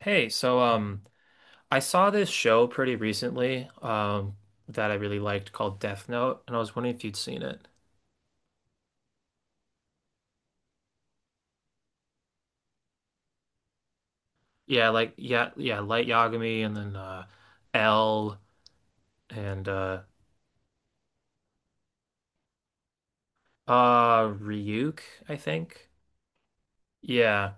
Hey, I saw this show pretty recently, that I really liked called Death Note, and I was wondering if you'd seen it. Yeah, Light Yagami, and then L, and uh, Ryuk, I think. Yeah,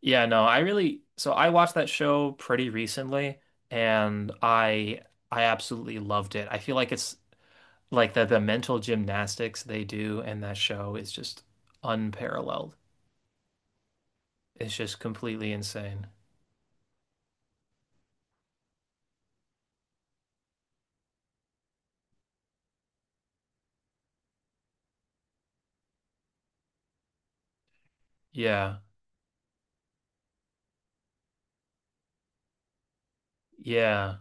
yeah, no, I really so I watched that show pretty recently, and I absolutely loved it. I feel like it's like the mental gymnastics they do in that show is just unparalleled. It's just completely insane. Yeah. Yeah.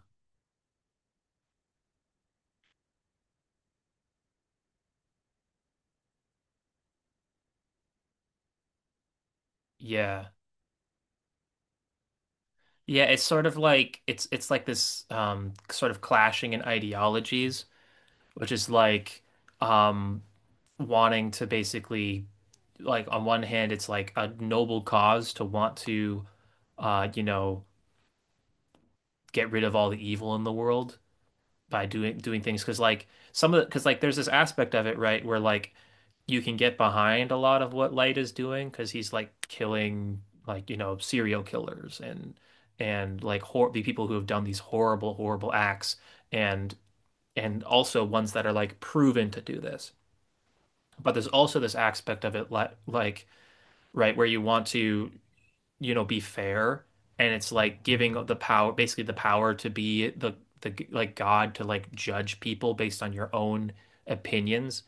Yeah. Yeah, it's sort of like it's like this, sort of clashing in ideologies, which is like, um wanting to basically, like, on one hand it's like a noble cause to want to, you know, get rid of all the evil in the world by doing things because like, some of the, because like, there's this aspect of it, right, where like you can get behind a lot of what Light is doing because he's like killing, like, you know, serial killers and like hor the people who have done these horrible acts, and and also ones that are like proven to do this. But there's also this aspect of it, like, right, where you want to, you know, be fair. And it's like giving the power, basically the power to be the, the, like, God, to like judge people based on your own opinions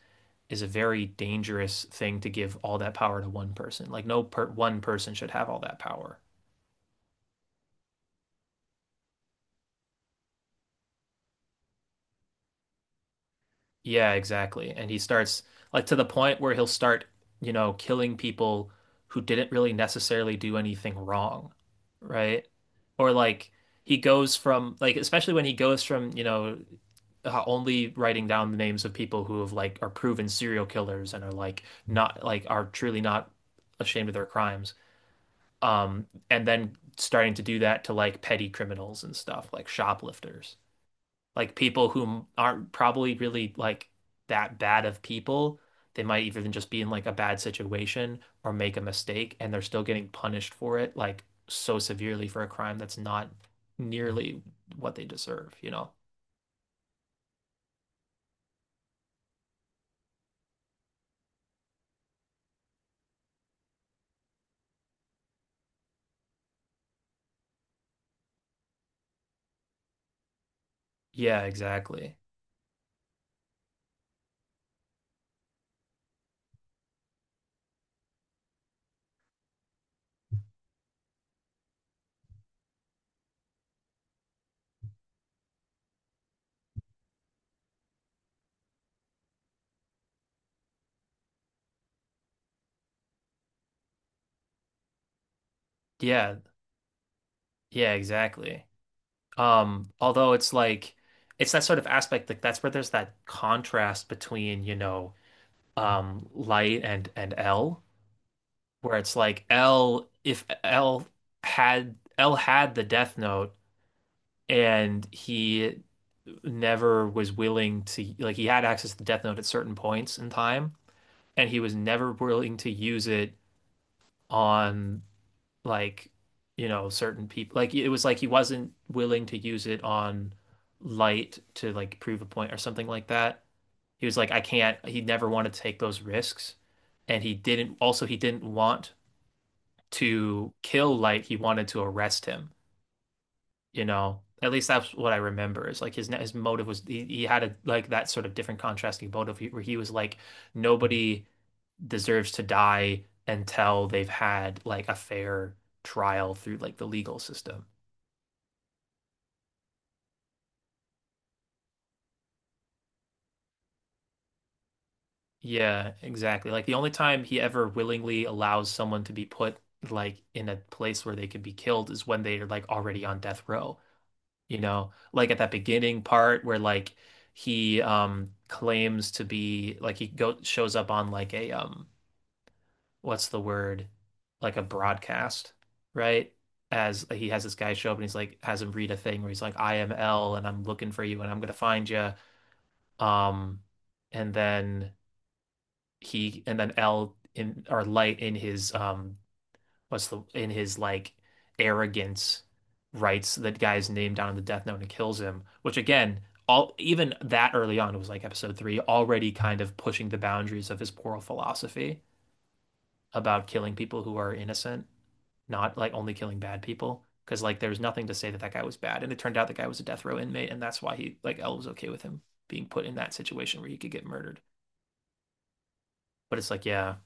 is a very dangerous thing to give all that power to one person. Like no per one person should have all that power. Yeah, exactly. And he starts, like, to the point where he'll start, you know, killing people who didn't really necessarily do anything wrong, right? Or like, he goes from like, especially when he goes from, you know, only writing down the names of people who have like are proven serial killers and are like not like are truly not ashamed of their crimes. And then starting to do that to like petty criminals and stuff, like shoplifters, like people who aren't probably really like that bad of people. They might even just be in like a bad situation or make a mistake and they're still getting punished for it, like so severely for a crime that's not nearly what they deserve, you know? Yeah, exactly. Yeah. Yeah, exactly. Although it's like, it's that sort of aspect, like that's where there's that contrast between, you know, light and L, where it's like, L, if L had L had the Death Note and he never was willing to, like, he had access to the Death Note at certain points in time and he was never willing to use it on, like, you know, certain people, like it was like he wasn't willing to use it on light to like prove a point or something like that. He was like, I can't, he never wanted to take those risks, and he didn't also he didn't want to kill light, he wanted to arrest him, you know, at least that's what I remember is like his motive was, he had a, like that sort of different contrasting motive where he was like, nobody deserves to die until they've had like a fair trial through like the legal system. Yeah, exactly. Like the only time he ever willingly allows someone to be put like in a place where they could be killed is when they're like already on death row. You know, like at that beginning part where like, he claims to be like, he go shows up on like a, what's the word? Like a broadcast, right? As he has this guy show up and he's like has him read a thing where he's like, I am L and I'm looking for you and I'm gonna find you. Um and then he, and then L in or light in his, what's the, in his like arrogance, writes that guy's name down in the death note and kills him, which again, all even that early on, it was like episode three, already kind of pushing the boundaries of his moral philosophy about killing people who are innocent, not like only killing bad people. Because like there was nothing to say that that guy was bad, and it turned out the guy was a death row inmate, and that's why he, like, L was okay with him being put in that situation where he could get murdered. But it's like, yeah,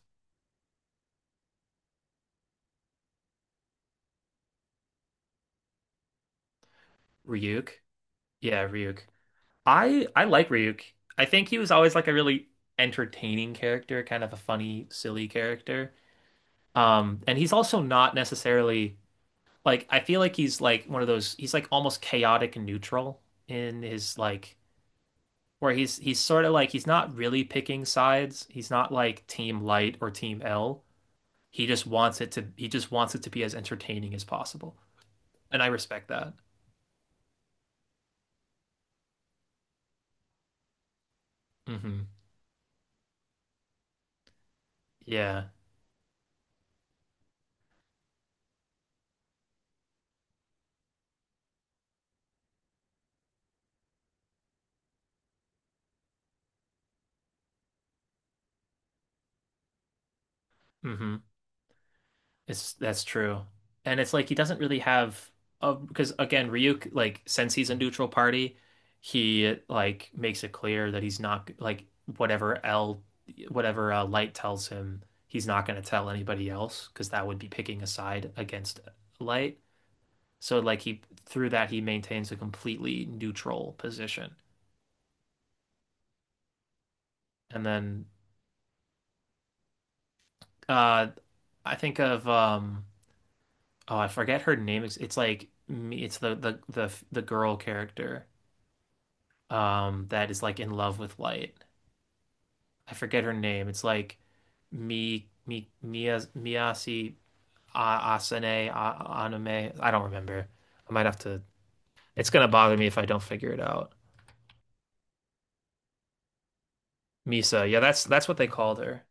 Ryuk, yeah, Ryuk. I like Ryuk. I think he was always like a really entertaining character, kind of a funny, silly character. And he's also not necessarily, like, I feel like he's like one of those, he's like almost chaotic and neutral in his like, where he's sort of like, he's not really picking sides. He's not like Team Light or Team L. He just wants it to be as entertaining as possible. And I respect that. Hmm. Yeah. Mm-hmm. It's, that's true. And it's like he doesn't really have a, because again, Ryuk, like since he's a neutral party, he like makes it clear that he's not like, whatever L, whatever, Light tells him, he's not going to tell anybody else because that would be picking a side against Light. So like he, through that, he maintains a completely neutral position. And then, uh I think of, oh, I forget her name. It's like me it's the girl character, that is like in love with light. I forget her name. It's like Mi Mi Mia Miyasi Asane A- Aname. I don't remember. I might have to. It's gonna bother me if I don't figure it out. Misa. Yeah, that's what they called her.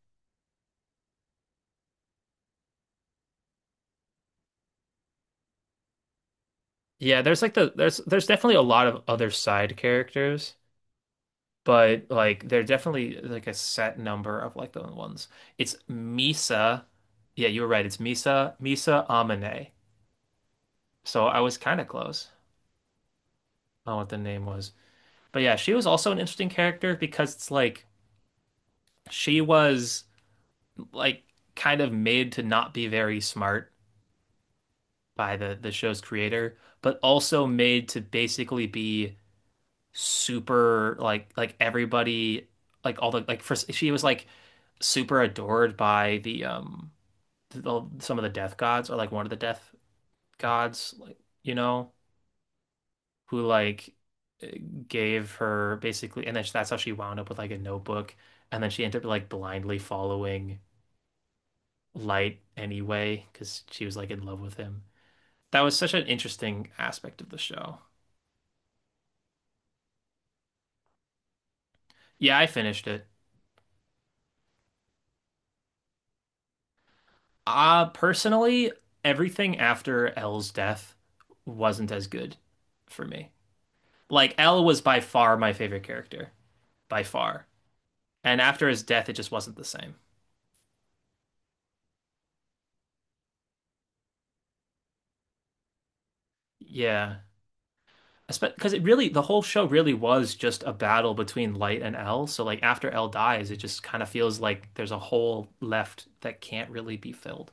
Yeah, there's like the, there's definitely a lot of other side characters, but like they're definitely like a set number of like the ones. It's Misa. Yeah, you were right. It's Misa Misa Amane. So I was kind of close on what the name was. But yeah, she was also an interesting character because it's like she was, like, kind of made to not be very smart by the show's creator, but also made to basically be super like everybody, like all the like for she was like super adored by the, the, some of the death gods, or like one of the death gods, like, you know, who like, eh, gave her basically, and then that's how she wound up with like a notebook, and then she ended up like blindly following Light anyway because she was like in love with him. That was such an interesting aspect of the show. Yeah, I finished it. Personally, everything after Elle's death wasn't as good for me. Like Elle was by far my favorite character, by far. And after his death, it just wasn't the same. Yeah. Because it really, the whole show really was just a battle between Light and L. So like after L dies, it just kind of feels like there's a hole left that can't really be filled.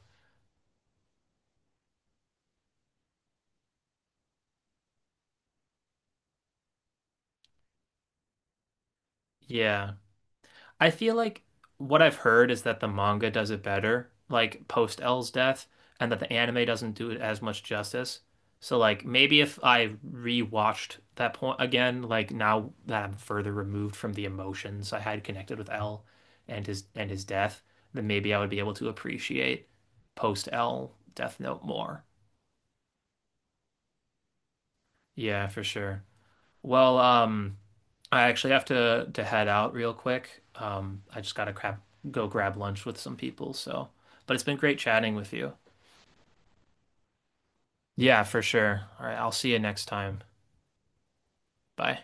Yeah. I feel like what I've heard is that the manga does it better, like post L's death, and that the anime doesn't do it as much justice. So like maybe if I rewatched that point again, like now that I'm further removed from the emotions I had connected with L and his death, then maybe I would be able to appreciate post L Death Note more. Yeah, for sure. Well, I actually have to head out real quick. I just gotta crap go grab lunch with some people, so. But it's been great chatting with you. Yeah, for sure. All right, I'll see you next time. Bye.